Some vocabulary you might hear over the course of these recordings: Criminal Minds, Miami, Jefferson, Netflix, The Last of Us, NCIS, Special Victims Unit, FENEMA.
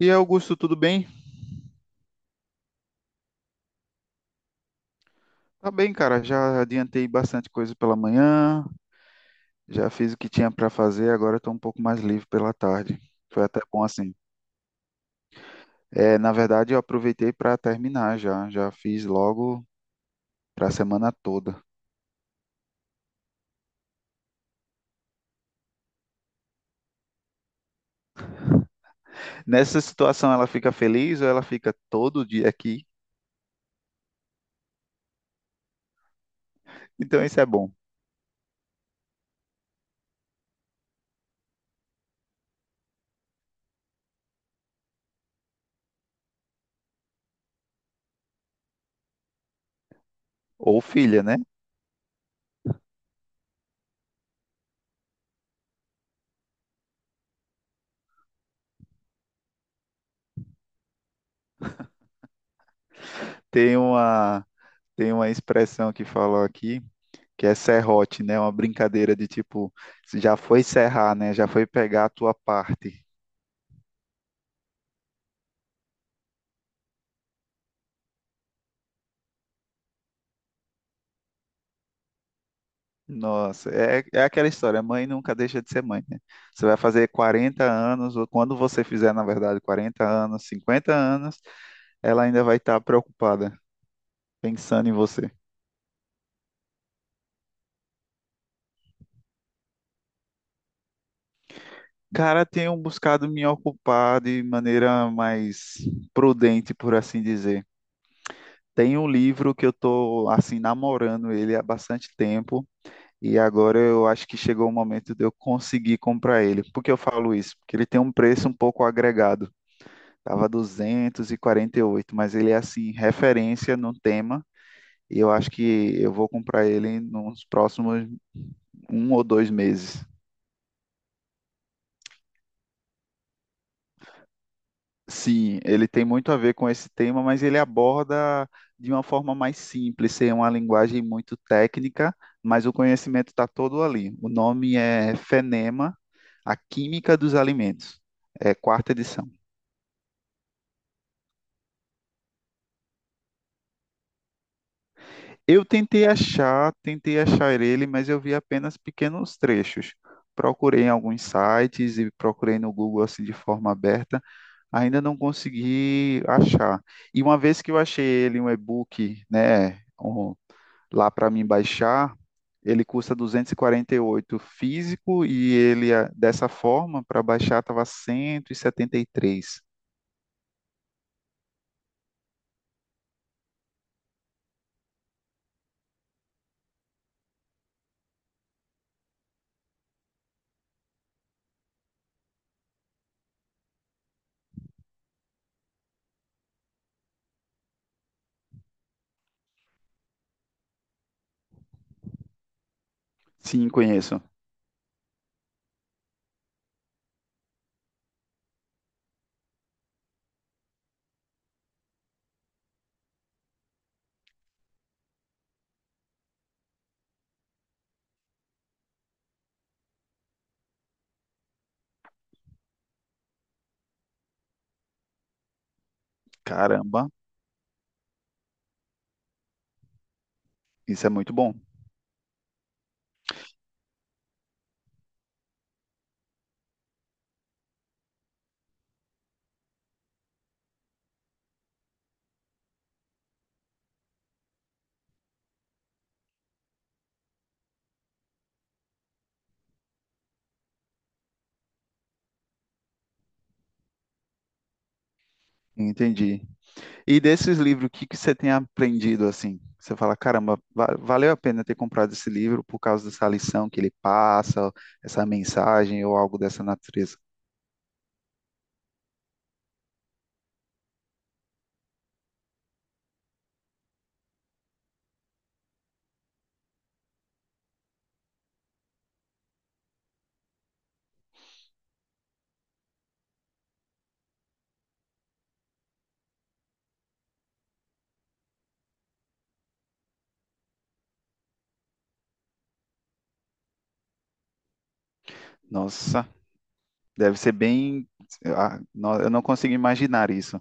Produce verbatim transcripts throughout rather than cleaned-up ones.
E aí, Augusto, tudo bem? Tá bem, cara. Já adiantei bastante coisa pela manhã, já fiz o que tinha para fazer, agora estou um pouco mais livre pela tarde. Foi até bom assim. É, na verdade, eu aproveitei para terminar já, já fiz logo para a semana toda. Nessa situação, ela fica feliz ou ela fica todo dia aqui? Então, isso é bom. Ou filha, né? Tem uma, tem uma expressão que falam aqui, que é serrote, né? Uma brincadeira de tipo, se já foi serrar, né? Já foi pegar a tua parte. Nossa, é, é aquela história, mãe nunca deixa de ser mãe, né? Você vai fazer quarenta anos, ou quando você fizer, na verdade, quarenta anos, cinquenta anos, ela ainda vai estar preocupada, pensando em você. Cara, tenho buscado me ocupar de maneira mais prudente, por assim dizer. Tem um livro que eu tô assim namorando ele há bastante tempo e agora eu acho que chegou o momento de eu conseguir comprar ele. Por que eu falo isso? Porque ele tem um preço um pouco agregado. Tava duzentos e quarenta e oito, mas ele é assim referência no tema e eu acho que eu vou comprar ele nos próximos um ou dois meses. Sim, ele tem muito a ver com esse tema, mas ele aborda de uma forma mais simples, é uma linguagem muito técnica, mas o conhecimento está todo ali. O nome é FENEMA, A Química dos Alimentos. É quarta edição. Eu tentei achar, tentei achar ele, mas eu vi apenas pequenos trechos. Procurei em alguns sites e procurei no Google assim de forma aberta, ainda não consegui achar. E uma vez que eu achei ele um e-book, né, um- lá para mim baixar, ele custa duzentos e e quarenta e oito físico e ele, ah, dessa forma, para baixar estava cento e e setenta e três. Sim, conheço. Caramba, isso é muito bom. Entendi. E desses livros, o que que você tem aprendido assim? Você fala, caramba, va- valeu a pena ter comprado esse livro por causa dessa lição que ele passa, essa mensagem ou algo dessa natureza. Nossa, deve ser bem. ah, no- Eu não consigo imaginar isso.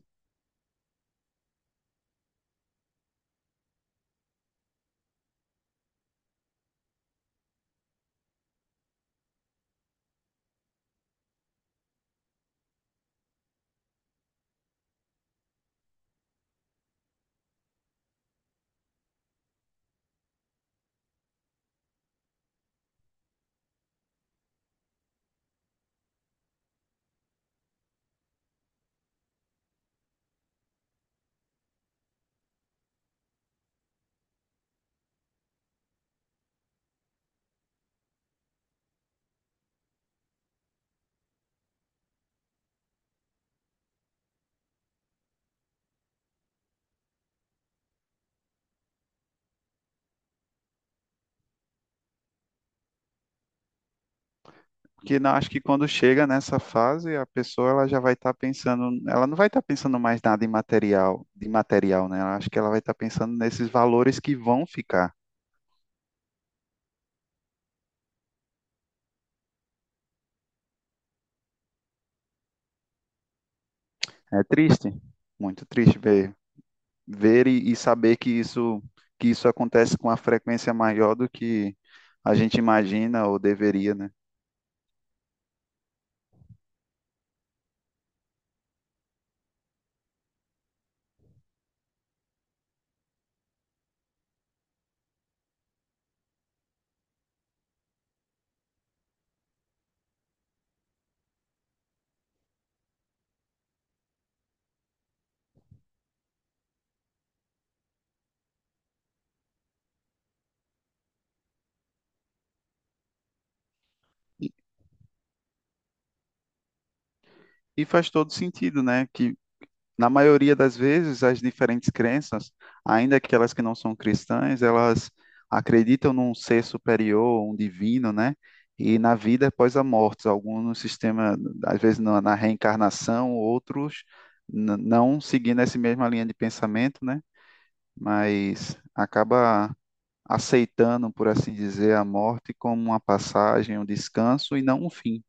que não, acho que quando chega nessa fase, a pessoa ela já vai estar pensando, ela não vai estar pensando mais nada em material, de material, né? Ela acho que ela vai estar pensando nesses valores que vão ficar. É triste, muito triste ver, ver e, e saber que isso, que isso acontece com uma frequência maior do que a gente imagina ou deveria, né? E faz todo sentido, né? Que na maioria das vezes, as diferentes crenças, ainda que elas que não são cristãs, elas acreditam num ser superior, um divino, né? E na vida após a morte, alguns no sistema, às vezes na, na reencarnação, outros n- não seguindo essa mesma linha de pensamento, né? Mas acaba aceitando, por assim dizer, a morte como uma passagem, um descanso e não um fim.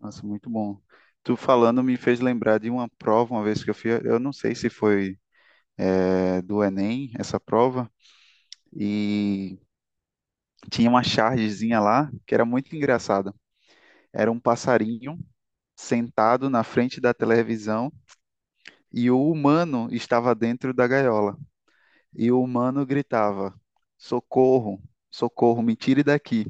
Nossa, muito bom. Tu falando me fez lembrar de uma prova uma vez que eu fiz, eu não sei se foi eh, do Enem, essa prova, e tinha uma chargezinha lá que era muito engraçada. Era um passarinho sentado na frente da televisão e o humano estava dentro da gaiola. E o humano gritava: socorro, socorro, me tire daqui.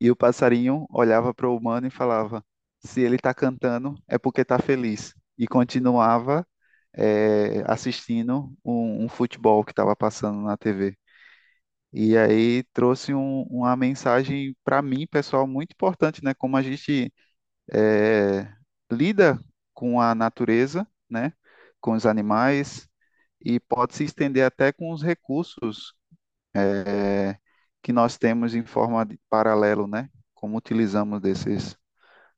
E o passarinho olhava para o humano e falava: se ele está cantando, é porque está feliz. E continuava eh, assistindo um, um futebol que estava passando na tê vê. E aí trouxe um- uma mensagem para mim, pessoal, muito importante, né? Como a gente eh, lida com a natureza, né? Com os animais e pode se estender até com os recursos eh, que nós temos em forma de paralelo, né? Como utilizamos desses,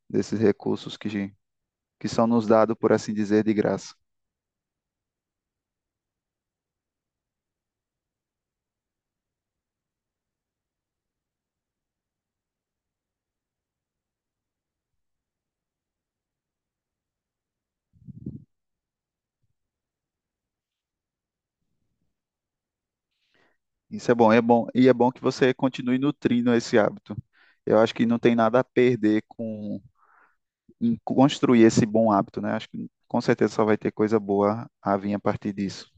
desses recursos que, que são nos dados, por assim dizer, de graça. Isso é bom, é bom, e é bom que você continue nutrindo esse hábito. Eu acho que não tem nada a perder com em construir esse bom hábito, né? Acho que com certeza só vai ter coisa boa a vir a partir disso.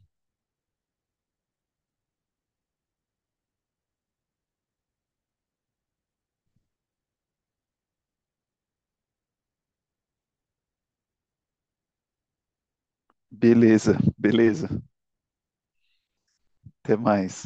Beleza, beleza. Até mais.